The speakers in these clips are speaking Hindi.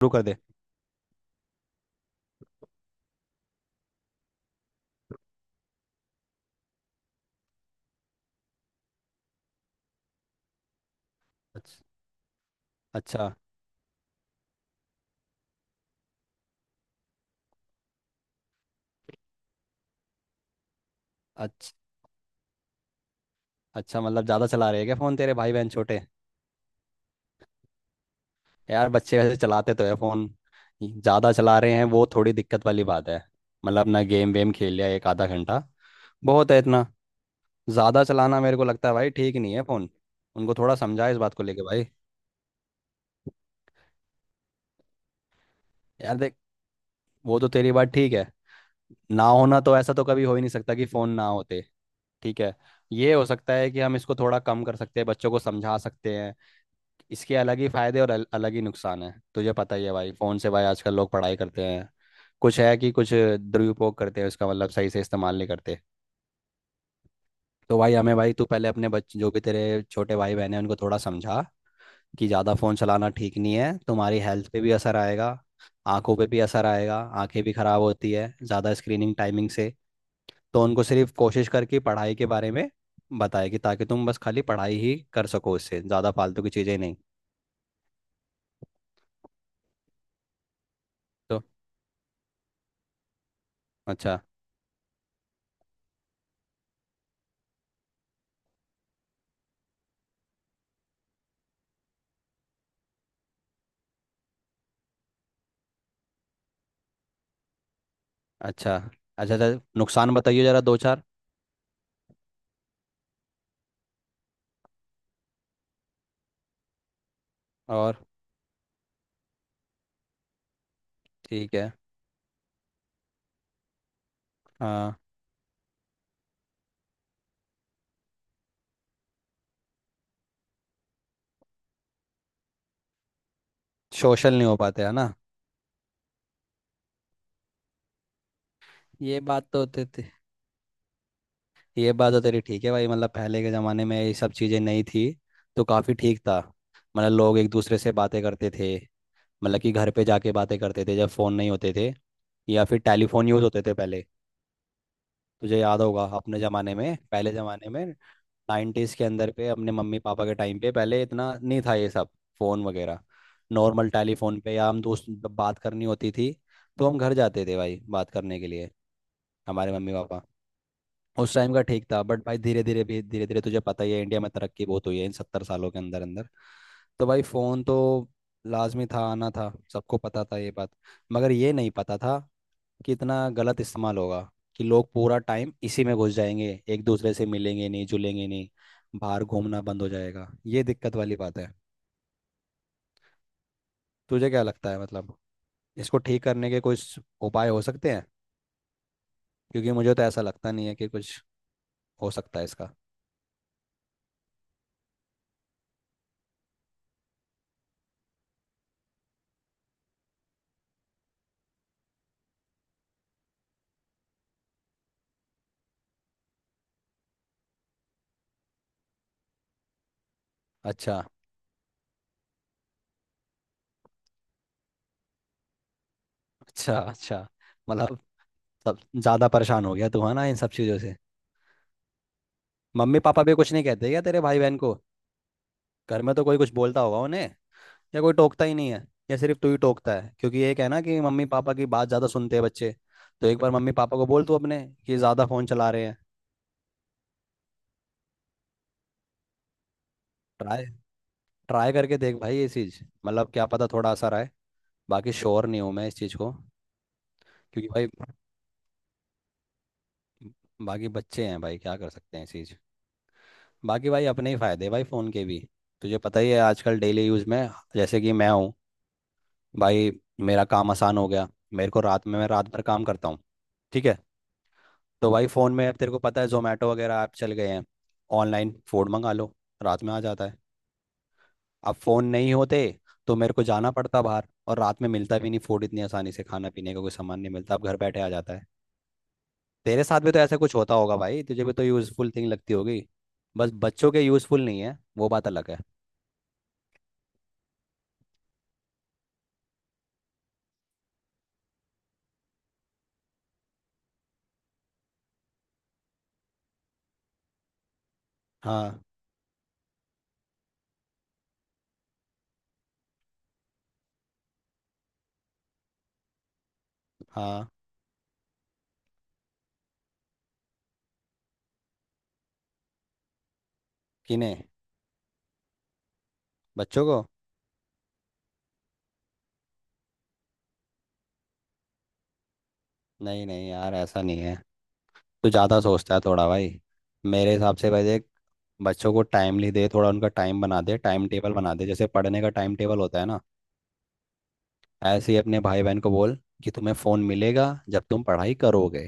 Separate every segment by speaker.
Speaker 1: शुरू कर दे। अच्छा। अच्छा। अच्छा। अच्छा, मतलब ज़्यादा चला रहे हैं क्या फ़ोन? तेरे भाई बहन छोटे? यार, बच्चे वैसे चलाते तो है फ़ोन। ज़्यादा चला रहे हैं वो थोड़ी दिक्कत वाली बात है। मतलब ना, गेम वेम खेल लिया एक आधा घंटा, बहुत है इतना। ज़्यादा चलाना मेरे को लगता है भाई ठीक नहीं है फ़ोन। उनको थोड़ा समझा इस बात को लेके भाई। यार देख, वो तो तेरी बात ठीक है। ना होना, तो ऐसा तो कभी हो ही नहीं सकता कि फ़ोन ना होते। ठीक है, ये हो सकता है कि हम इसको थोड़ा कम कर सकते हैं, बच्चों को समझा सकते हैं। इसके अलग ही फायदे और अलग ही नुकसान है। तुझे पता ही है भाई, फोन से भाई आजकल लोग पढ़ाई करते हैं। कुछ है कि कुछ दुरुपयोग करते हैं उसका, मतलब सही से इस्तेमाल नहीं करते। तो भाई हमें, भाई तू पहले अपने बच्चे, जो भी तेरे छोटे भाई बहन हैं, उनको थोड़ा समझा कि ज़्यादा फ़ोन चलाना ठीक नहीं है, तुम्हारी हेल्थ पे भी असर आएगा, आंखों पे भी असर आएगा, आंखें भी ख़राब होती है ज़्यादा स्क्रीनिंग टाइमिंग से। तो उनको सिर्फ कोशिश करके पढ़ाई के बारे में बताए कि, ताकि तुम बस खाली पढ़ाई ही कर सको, उससे ज़्यादा फालतू की चीज़ें नहीं। तो अच्छा। अच्छा। अच्छा। अच्छा, नुकसान बताइए जरा दो चार। और? ठीक है। हाँ। सोशल नहीं हो पाते है ना। ये बात तो ते, ते, ये बात तो तेरी ठीक है भाई। मतलब पहले के ज़माने में ये सब चीज़ें नहीं थी, तो काफ़ी ठीक था। मतलब लोग एक दूसरे से बातें करते थे, मतलब कि घर पे जाके बातें करते थे, जब फ़ोन नहीं होते थे या फिर टेलीफोन यूज़ होते थे पहले। तुझे याद होगा अपने ज़माने में, पहले ज़माने में, 90s के अंदर पे, अपने मम्मी पापा के टाइम पे पहले इतना नहीं था ये सब, फोन वगैरह। नॉर्मल टेलीफोन पे, या हम दोस्त जब बात करनी होती थी, तो हम घर जाते थे भाई बात करने के लिए, हमारे मम्मी पापा। उस टाइम का ठीक था, बट भाई धीरे धीरे भी धीरे धीरे तुझे पता ही है, इंडिया में तरक्की बहुत हुई है इन 70 सालों के अंदर अंदर। तो भाई फोन तो लाजमी था आना, था सबको पता था ये बात। मगर ये नहीं पता था कितना गलत इस्तेमाल होगा, कि लोग पूरा टाइम इसी में घुस जाएंगे, एक दूसरे से मिलेंगे नहीं, जुलेंगे नहीं, बाहर घूमना बंद हो जाएगा। ये दिक्कत वाली बात है। तुझे क्या लगता है मतलब, इसको ठीक करने के कुछ उपाय हो सकते हैं? क्योंकि मुझे तो ऐसा लगता नहीं है कि कुछ हो सकता है इसका। अच्छा। अच्छा। अच्छा, मतलब सब ज़्यादा परेशान हो गया तू है ना इन सब चीज़ों से। मम्मी पापा भी कुछ नहीं कहते क्या तेरे भाई बहन को? घर में तो कोई कुछ बोलता होगा उन्हें, या कोई टोकता ही नहीं है, या सिर्फ तू ही टोकता है? क्योंकि ये क्या है ना कि मम्मी पापा की बात ज़्यादा सुनते हैं बच्चे। तो एक बार मम्मी पापा को बोल तू अपने, कि ज़्यादा फ़ोन चला रहे हैं। ट्राई, ट्राई करके देख भाई ये चीज़। मतलब क्या पता थोड़ा असर आए। बाकी श्योर नहीं हूँ मैं इस चीज़ को, क्योंकि भाई बाकी बच्चे हैं भाई, क्या कर सकते हैं इस चीज़? बाकी भाई अपने ही फ़ायदे भाई फ़ोन के भी। तुझे पता ही है आजकल डेली यूज़ में, जैसे कि मैं हूँ भाई, मेरा काम आसान हो गया। मेरे को रात में, मैं रात भर काम करता हूँ, ठीक है? तो भाई फ़ोन में अब तेरे को पता है, जोमेटो वगैरह ऐप चल गए हैं, ऑनलाइन फूड मंगा लो, रात में आ जाता है। अब फ़ोन नहीं होते तो मेरे को जाना पड़ता बाहर, और रात में मिलता भी नहीं फूड इतनी आसानी से, खाना पीने का कोई सामान नहीं मिलता, अब घर बैठे आ जाता है। तेरे साथ भी तो ऐसा कुछ होता होगा भाई, तुझे भी तो यूज़फुल थिंग लगती होगी। बस बच्चों के यूज़फुल नहीं है, वो बात अलग है। हाँ। हाँ। किन्हें, बच्चों को? नहीं नहीं यार, ऐसा नहीं है। तू ज़्यादा सोचता है थोड़ा भाई। मेरे हिसाब से भाई देख, बच्चों को टाइमली दे, थोड़ा उनका टाइम बना दे, टाइम टेबल बना दे, जैसे पढ़ने का टाइम टेबल होता है ना। ऐसे ही अपने भाई बहन को बोल कि तुम्हें फ़ोन मिलेगा जब तुम पढ़ाई करोगे,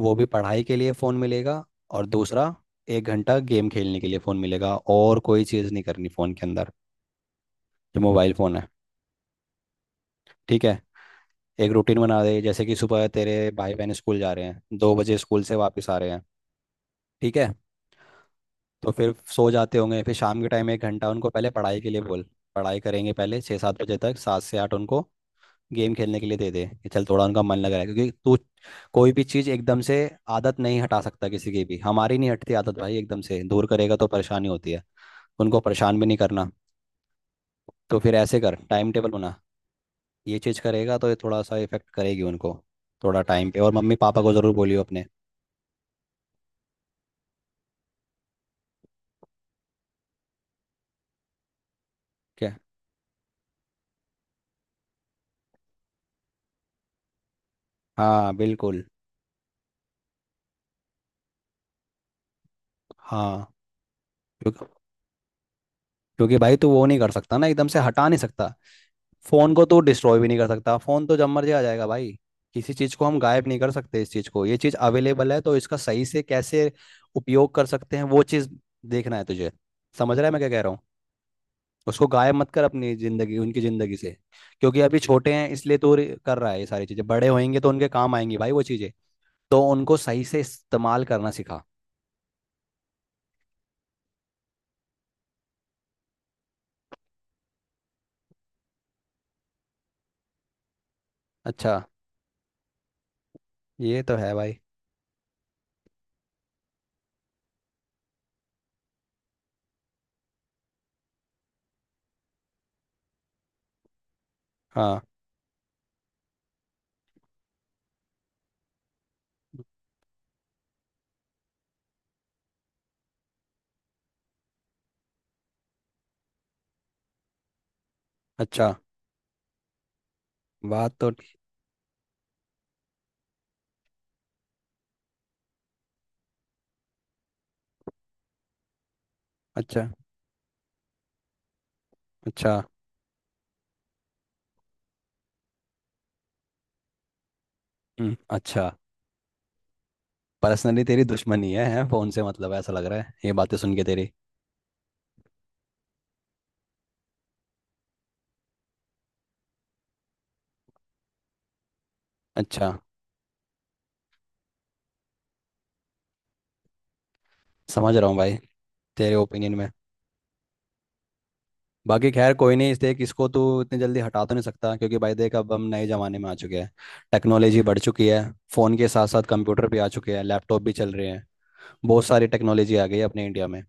Speaker 1: वो भी पढ़ाई के लिए फ़ोन मिलेगा। और दूसरा, 1 घंटा गेम खेलने के लिए फ़ोन मिलेगा, और कोई चीज़ नहीं करनी फ़ोन के अंदर, जो मोबाइल फ़ोन है। ठीक है? एक रूटीन बना दे, जैसे कि सुबह तेरे भाई बहन स्कूल जा रहे हैं, 2 बजे स्कूल से वापस आ रहे हैं, ठीक है? तो फिर सो जाते होंगे। फिर शाम के टाइम 1 घंटा उनको, पहले पढ़ाई के लिए बोल, पढ़ाई करेंगे पहले 6-7 बजे तक। 7 से 8 उनको गेम खेलने के लिए दे दे, कि चल थोड़ा उनका मन लग रहा है। क्योंकि तू कोई भी चीज़ एकदम से, आदत नहीं हटा सकता किसी की भी, हमारी नहीं हटती आदत भाई, एकदम से दूर करेगा तो परेशानी होती है। उनको परेशान भी नहीं करना। तो फिर ऐसे कर, टाइम टेबल बना। ये चीज़ करेगा तो ये थोड़ा सा इफेक्ट करेगी उनको, थोड़ा टाइम पे, और मम्मी पापा को ज़रूर बोलियो अपने। क्या? हाँ बिल्कुल। हाँ, क्योंकि, क्योंकि भाई तू वो नहीं कर सकता ना, एकदम से हटा नहीं सकता फोन को। तू डिस्ट्रॉय भी नहीं कर सकता, फोन तो जब मर्जी आ जाएगा भाई। किसी चीज को हम गायब नहीं कर सकते इस चीज को, ये चीज अवेलेबल है, तो इसका सही से कैसे उपयोग कर सकते हैं वो चीज देखना है तुझे। समझ रहा है मैं क्या कह रहा हूँ? उसको गायब मत कर अपनी जिंदगी, उनकी जिंदगी से। क्योंकि अभी छोटे हैं इसलिए तो कर रहा है ये सारी चीजें, बड़े होंगे तो उनके काम आएंगी भाई वो चीजें। तो उनको सही से इस्तेमाल करना सिखा। अच्छा। ये तो है भाई। हाँ। अच्छा। बात तो, अच्छा। अच्छा। अच्छा। पर्सनली तेरी दुश्मनी है फोन से मतलब, है, ऐसा लग रहा है ये बातें सुन के तेरी। अच्छा, समझ रहा हूँ भाई तेरे ओपिनियन में। बाकी खैर कोई नहीं, इस, देख इसको तू इतनी जल्दी हटा तो नहीं सकता, क्योंकि भाई देख अब हम नए ज़माने में आ चुके हैं, टेक्नोलॉजी बढ़ चुकी है। फ़ोन के साथ साथ कंप्यूटर भी आ चुके हैं, लैपटॉप भी चल रहे हैं, बहुत सारी टेक्नोलॉजी आ गई है अपने इंडिया में।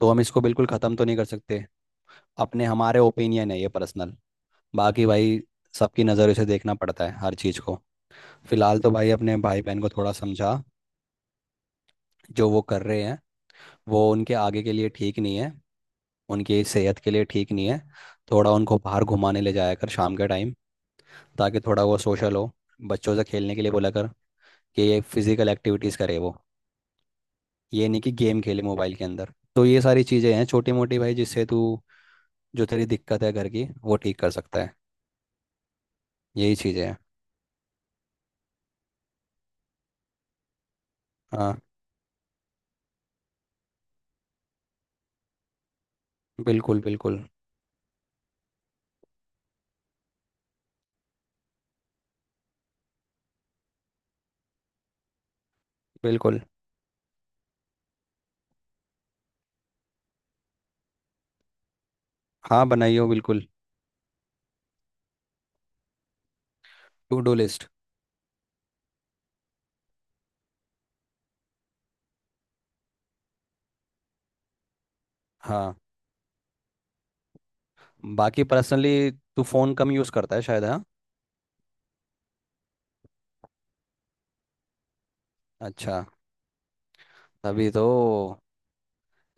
Speaker 1: तो हम इसको बिल्कुल ख़त्म तो नहीं कर सकते। अपने हमारे ओपिनियन है ये पर्सनल। बाकी भाई सबकी नज़रों से देखना पड़ता है हर चीज़ को। फिलहाल तो भाई अपने भाई बहन को थोड़ा समझा, जो वो कर रहे हैं वो उनके आगे के लिए ठीक नहीं है, उनकी सेहत के लिए ठीक नहीं है। थोड़ा उनको बाहर घुमाने ले जाया कर शाम के टाइम, ताकि थोड़ा वो सोशल हो, बच्चों से खेलने के लिए बोला कर, कि ये फिजिकल एक्टिविटीज़ करे वो। ये नहीं कि गेम खेले मोबाइल के अंदर। तो ये सारी चीज़ें हैं छोटी मोटी भाई, जिससे तू, जो तेरी दिक्कत है घर की, वो ठीक कर सकता है। यही चीज़ें हैं। हाँ बिल्कुल। बिल्कुल। बिल्कुल। हाँ बनाइयो बिल्कुल। To do list. हाँ। बाकी पर्सनली तू फ़ोन कम यूज़ करता है शायद, हाँ? अच्छा, तभी तो।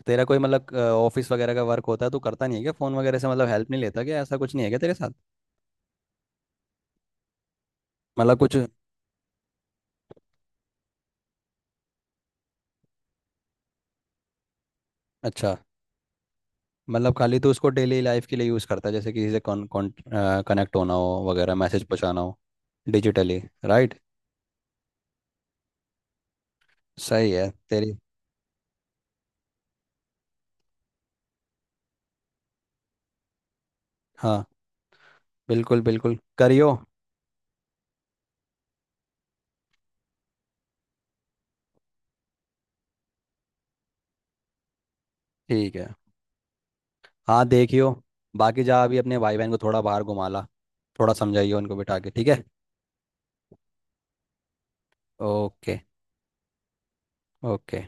Speaker 1: तेरा कोई मतलब ऑफिस वगैरह का वर्क होता है, तू करता नहीं है क्या फोन वगैरह से, मतलब हेल्प नहीं लेता क्या, ऐसा कुछ नहीं है क्या तेरे साथ? मतलब कुछ, अच्छा। मतलब खाली तू उसको डेली लाइफ के लिए यूज़ करता है, जैसे किसी से, कौन कौन कनेक्ट होना हो वगैरह, मैसेज पहुँचाना हो डिजिटली, राइट? सही है तेरी। हाँ बिल्कुल, बिल्कुल करियो। ठीक है। हाँ देखियो। बाकी जा अभी, अपने भाई बहन को थोड़ा बाहर घुमा ला, थोड़ा समझाइए उनको बिठा के, ठीक है? ओके। ओके।